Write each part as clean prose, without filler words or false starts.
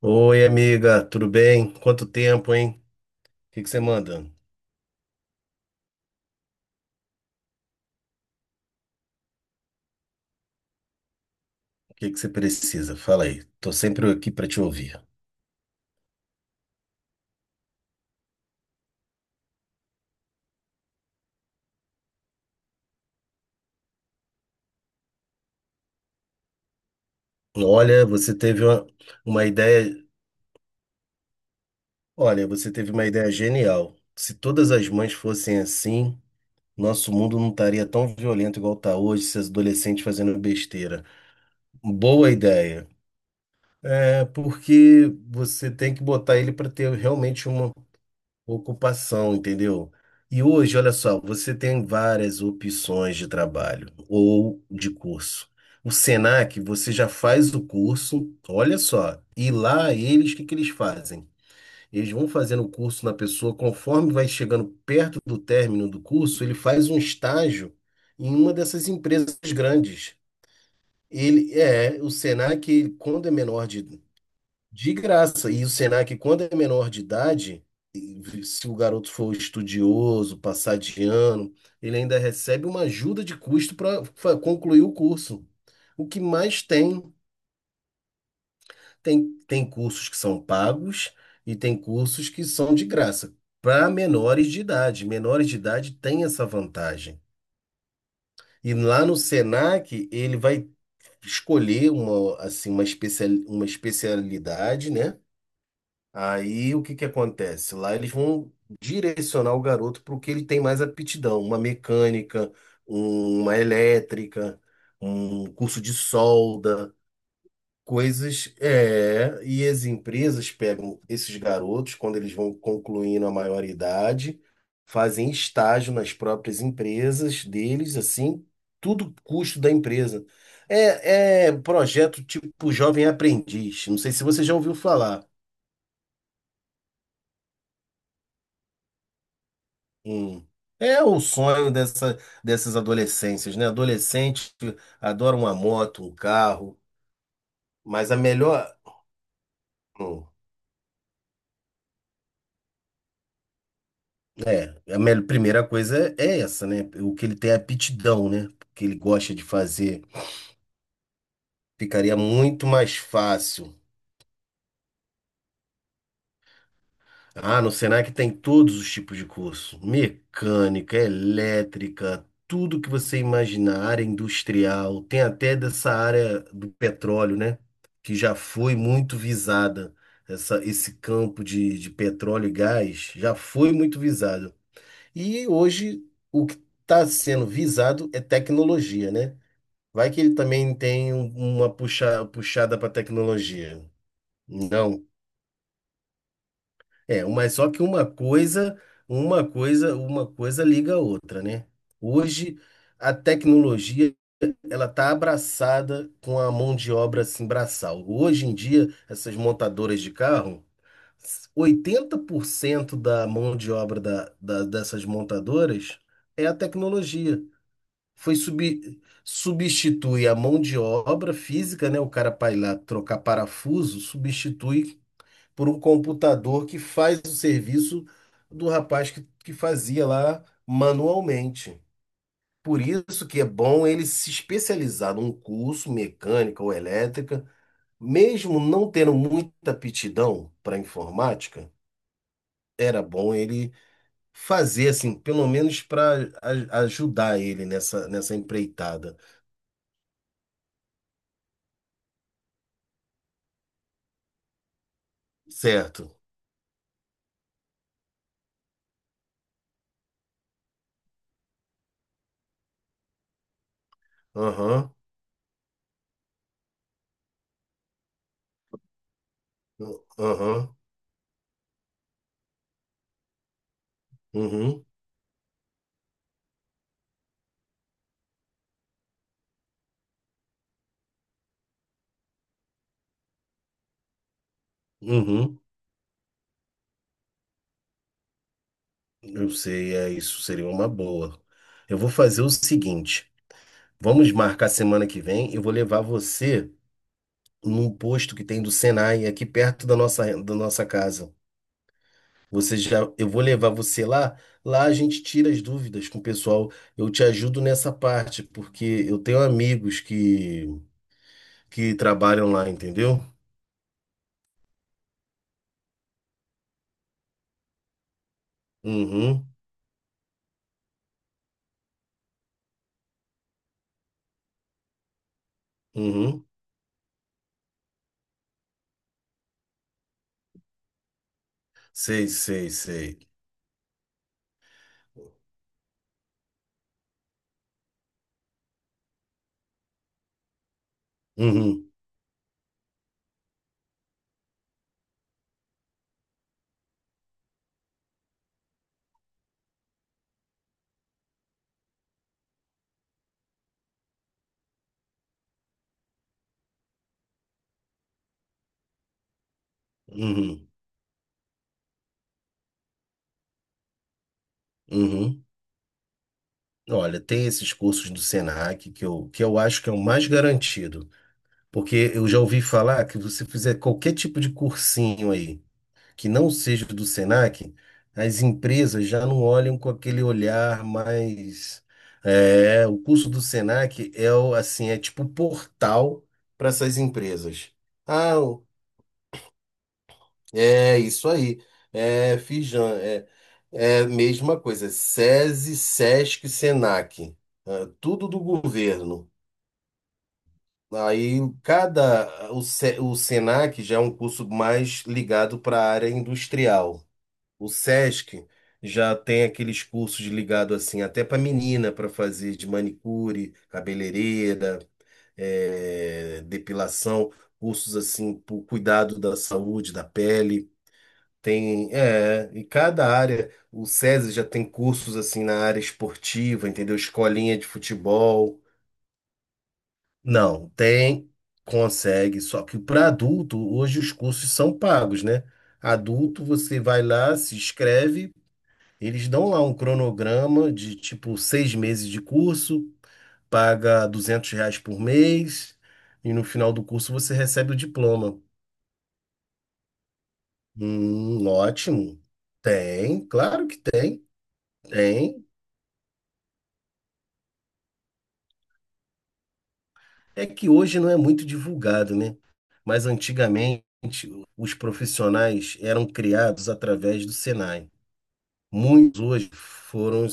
Oi, amiga, tudo bem? Quanto tempo, hein? O que que você manda? O que que você precisa? Fala aí. Tô sempre aqui para te ouvir. Olha, você teve uma ideia. Olha, você teve uma ideia genial. Se todas as mães fossem assim, nosso mundo não estaria tão violento igual tá hoje, esses adolescentes fazendo besteira. Boa ideia. É porque você tem que botar ele para ter realmente uma ocupação, entendeu? E hoje, olha só, você tem várias opções de trabalho ou de curso. O Senac, você já faz o curso, olha só, e lá eles, o que que eles fazem? Eles vão fazendo o curso na pessoa, conforme vai chegando perto do término do curso, ele faz um estágio em uma dessas empresas grandes. Ele é, o Senac, ele, quando é menor de graça. E o Senac, quando é menor de idade, e se o garoto for estudioso, passar de ano, ele ainda recebe uma ajuda de custo para concluir o curso. O que mais tem, tem cursos que são pagos e tem cursos que são de graça. Para menores de idade. Menores de idade tem essa vantagem. E lá no Senac, ele vai escolher uma, assim, uma especialidade, né? Aí o que que acontece? Lá eles vão direcionar o garoto para o que ele tem mais aptidão, uma mecânica, uma elétrica, um curso de solda, coisas. É, e as empresas pegam esses garotos quando eles vão concluindo a maioridade, fazem estágio nas próprias empresas deles, assim, tudo custo da empresa. É projeto tipo Jovem Aprendiz. Não sei se você já ouviu falar. Hum. É o sonho dessas adolescências, né? Adolescente adora uma moto, um carro, mas hum, a melhor, primeira coisa é essa, né? O que ele tem é aptidão, né? O que ele gosta de fazer. Ficaria muito mais fácil. Ah, no Senac tem todos os tipos de curso: mecânica, elétrica, tudo que você imaginar, área industrial, tem até dessa área do petróleo, né? Que já foi muito visada. Esse campo de petróleo e gás já foi muito visado. E hoje o que está sendo visado é tecnologia, né? Vai que ele também tem uma puxada para tecnologia. Não. É, mas só que uma coisa liga a outra, né? Hoje a tecnologia ela tá abraçada com a mão de obra assim braçal. Hoje em dia, essas montadoras de carro, 80% da mão de obra dessas montadoras é a tecnologia. Substitui a mão de obra física, né? O cara para ir lá trocar parafuso, substitui por um computador que faz o serviço do rapaz que fazia lá manualmente. Por isso que é bom ele se especializar num curso mecânica ou elétrica, mesmo não tendo muita aptidão para informática, era bom ele fazer assim, pelo menos para ajudar ele nessa empreitada. Certo? Aham. Aham. Uhum. Uhum. Eu sei, é isso, seria uma boa. Eu vou fazer o seguinte: vamos marcar semana que vem. Eu vou levar você num posto que tem do Senai, aqui perto da nossa casa. Eu vou levar você lá. Lá a gente tira as dúvidas com o pessoal. Eu te ajudo nessa parte, porque eu tenho amigos que trabalham lá, entendeu? Uhum, uhum. Sei, sei, sei. Uhum, uhum, uhum. Olha, tem esses cursos do Senac que eu acho que é o mais garantido, porque eu já ouvi falar que você fizer qualquer tipo de cursinho aí, que não seja do Senac, as empresas já não olham com aquele olhar mais. É, o curso do Senac assim, é tipo um portal para essas empresas. Ah, é isso aí. É Fijan, é mesma coisa. SESI, SESC, SENAC, é, tudo do governo. Aí cada o, Se- o SENAC já é um curso mais ligado para a área industrial. O SESC já tem aqueles cursos ligados assim, até para menina, para fazer de manicure, cabeleireira, é, depilação, cursos assim para o cuidado da saúde, da pele. Tem, é, e cada área, o SESI já tem cursos assim na área esportiva, entendeu? Escolinha de futebol. Não, tem, consegue, só que para adulto, hoje os cursos são pagos, né? Adulto, você vai lá, se inscreve, eles dão lá um cronograma de tipo 6 meses de curso, paga R$ 200 por mês, e no final do curso você recebe o diploma. Ótimo. Tem, claro que tem. Tem. É que hoje não é muito divulgado, né? Mas antigamente os profissionais eram criados através do Senai. Muitos hoje foram,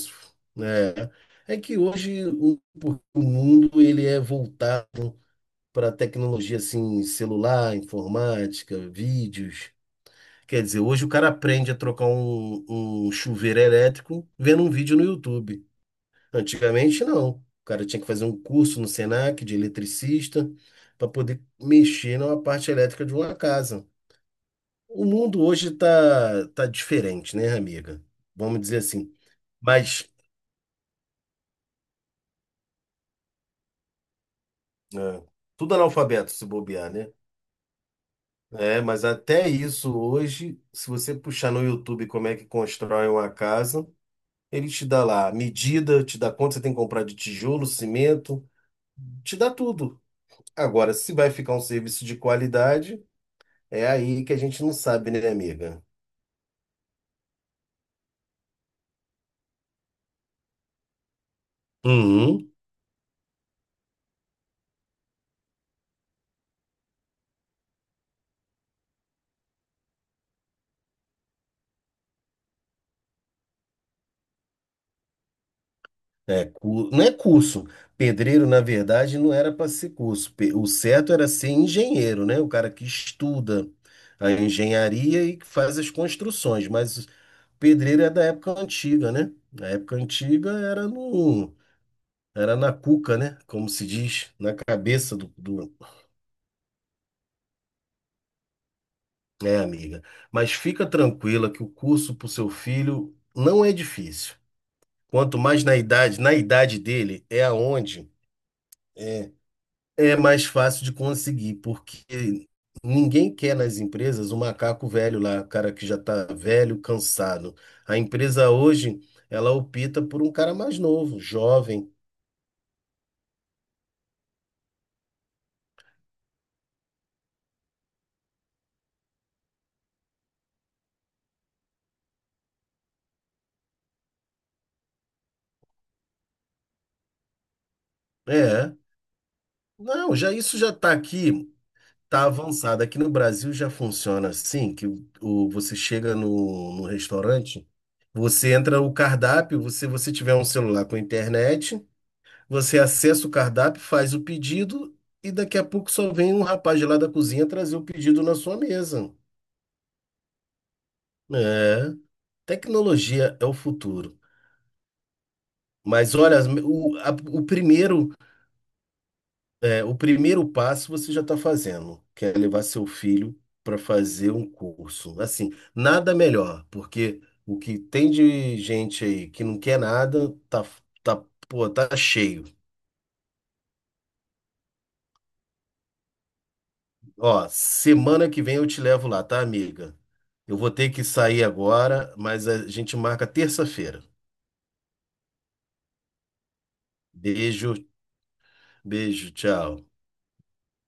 né? É que hoje o mundo ele é voltado para tecnologia assim, celular, informática, vídeos. Quer dizer, hoje o cara aprende a trocar um chuveiro elétrico vendo um vídeo no YouTube. Antigamente, não. O cara tinha que fazer um curso no Senac de eletricista para poder mexer na parte elétrica de uma casa. O mundo hoje tá diferente, né, amiga? Vamos dizer assim. Mas é, tudo analfabeto se bobear, né? É, mas até isso hoje, se você puxar no YouTube como é que constrói uma casa, ele te dá lá a medida, te dá quanto você tem que comprar de tijolo, cimento, te dá tudo. Agora, se vai ficar um serviço de qualidade. É aí que a gente não sabe, né, amiga? Uhum. É, não é curso. Pedreiro, na verdade, não era para ser curso. O certo era ser engenheiro, né? O cara que estuda a engenharia e que faz as construções. Mas pedreiro é da época antiga, né? Na época antiga era no... era na cuca, né? Como se diz, na cabeça do. É, amiga. Mas fica tranquila que o curso para o seu filho não é difícil. Quanto mais na idade dele, é aonde é, é mais fácil de conseguir, porque ninguém quer nas empresas o macaco velho lá, o cara que já está velho, cansado. A empresa hoje, ela opta por um cara mais novo, jovem. É, não, já isso já está aqui, está avançado. Aqui no Brasil já funciona assim, que você chega no restaurante, você entra o cardápio, você tiver um celular com internet. Você acessa o cardápio, faz o pedido e daqui a pouco só vem um rapaz de lá da cozinha trazer o pedido na sua mesa. É, tecnologia é o futuro. Mas olha, o, a- o primeiro, é, o primeiro passo você já está fazendo, que é levar seu filho para fazer um curso. Assim, nada melhor, porque o que tem de gente aí que não quer nada tá, pô, tá cheio. Ó, semana que vem eu te levo lá, tá, amiga? Eu vou ter que sair agora, mas a gente marca terça-feira. Beijo, beijo, tchau.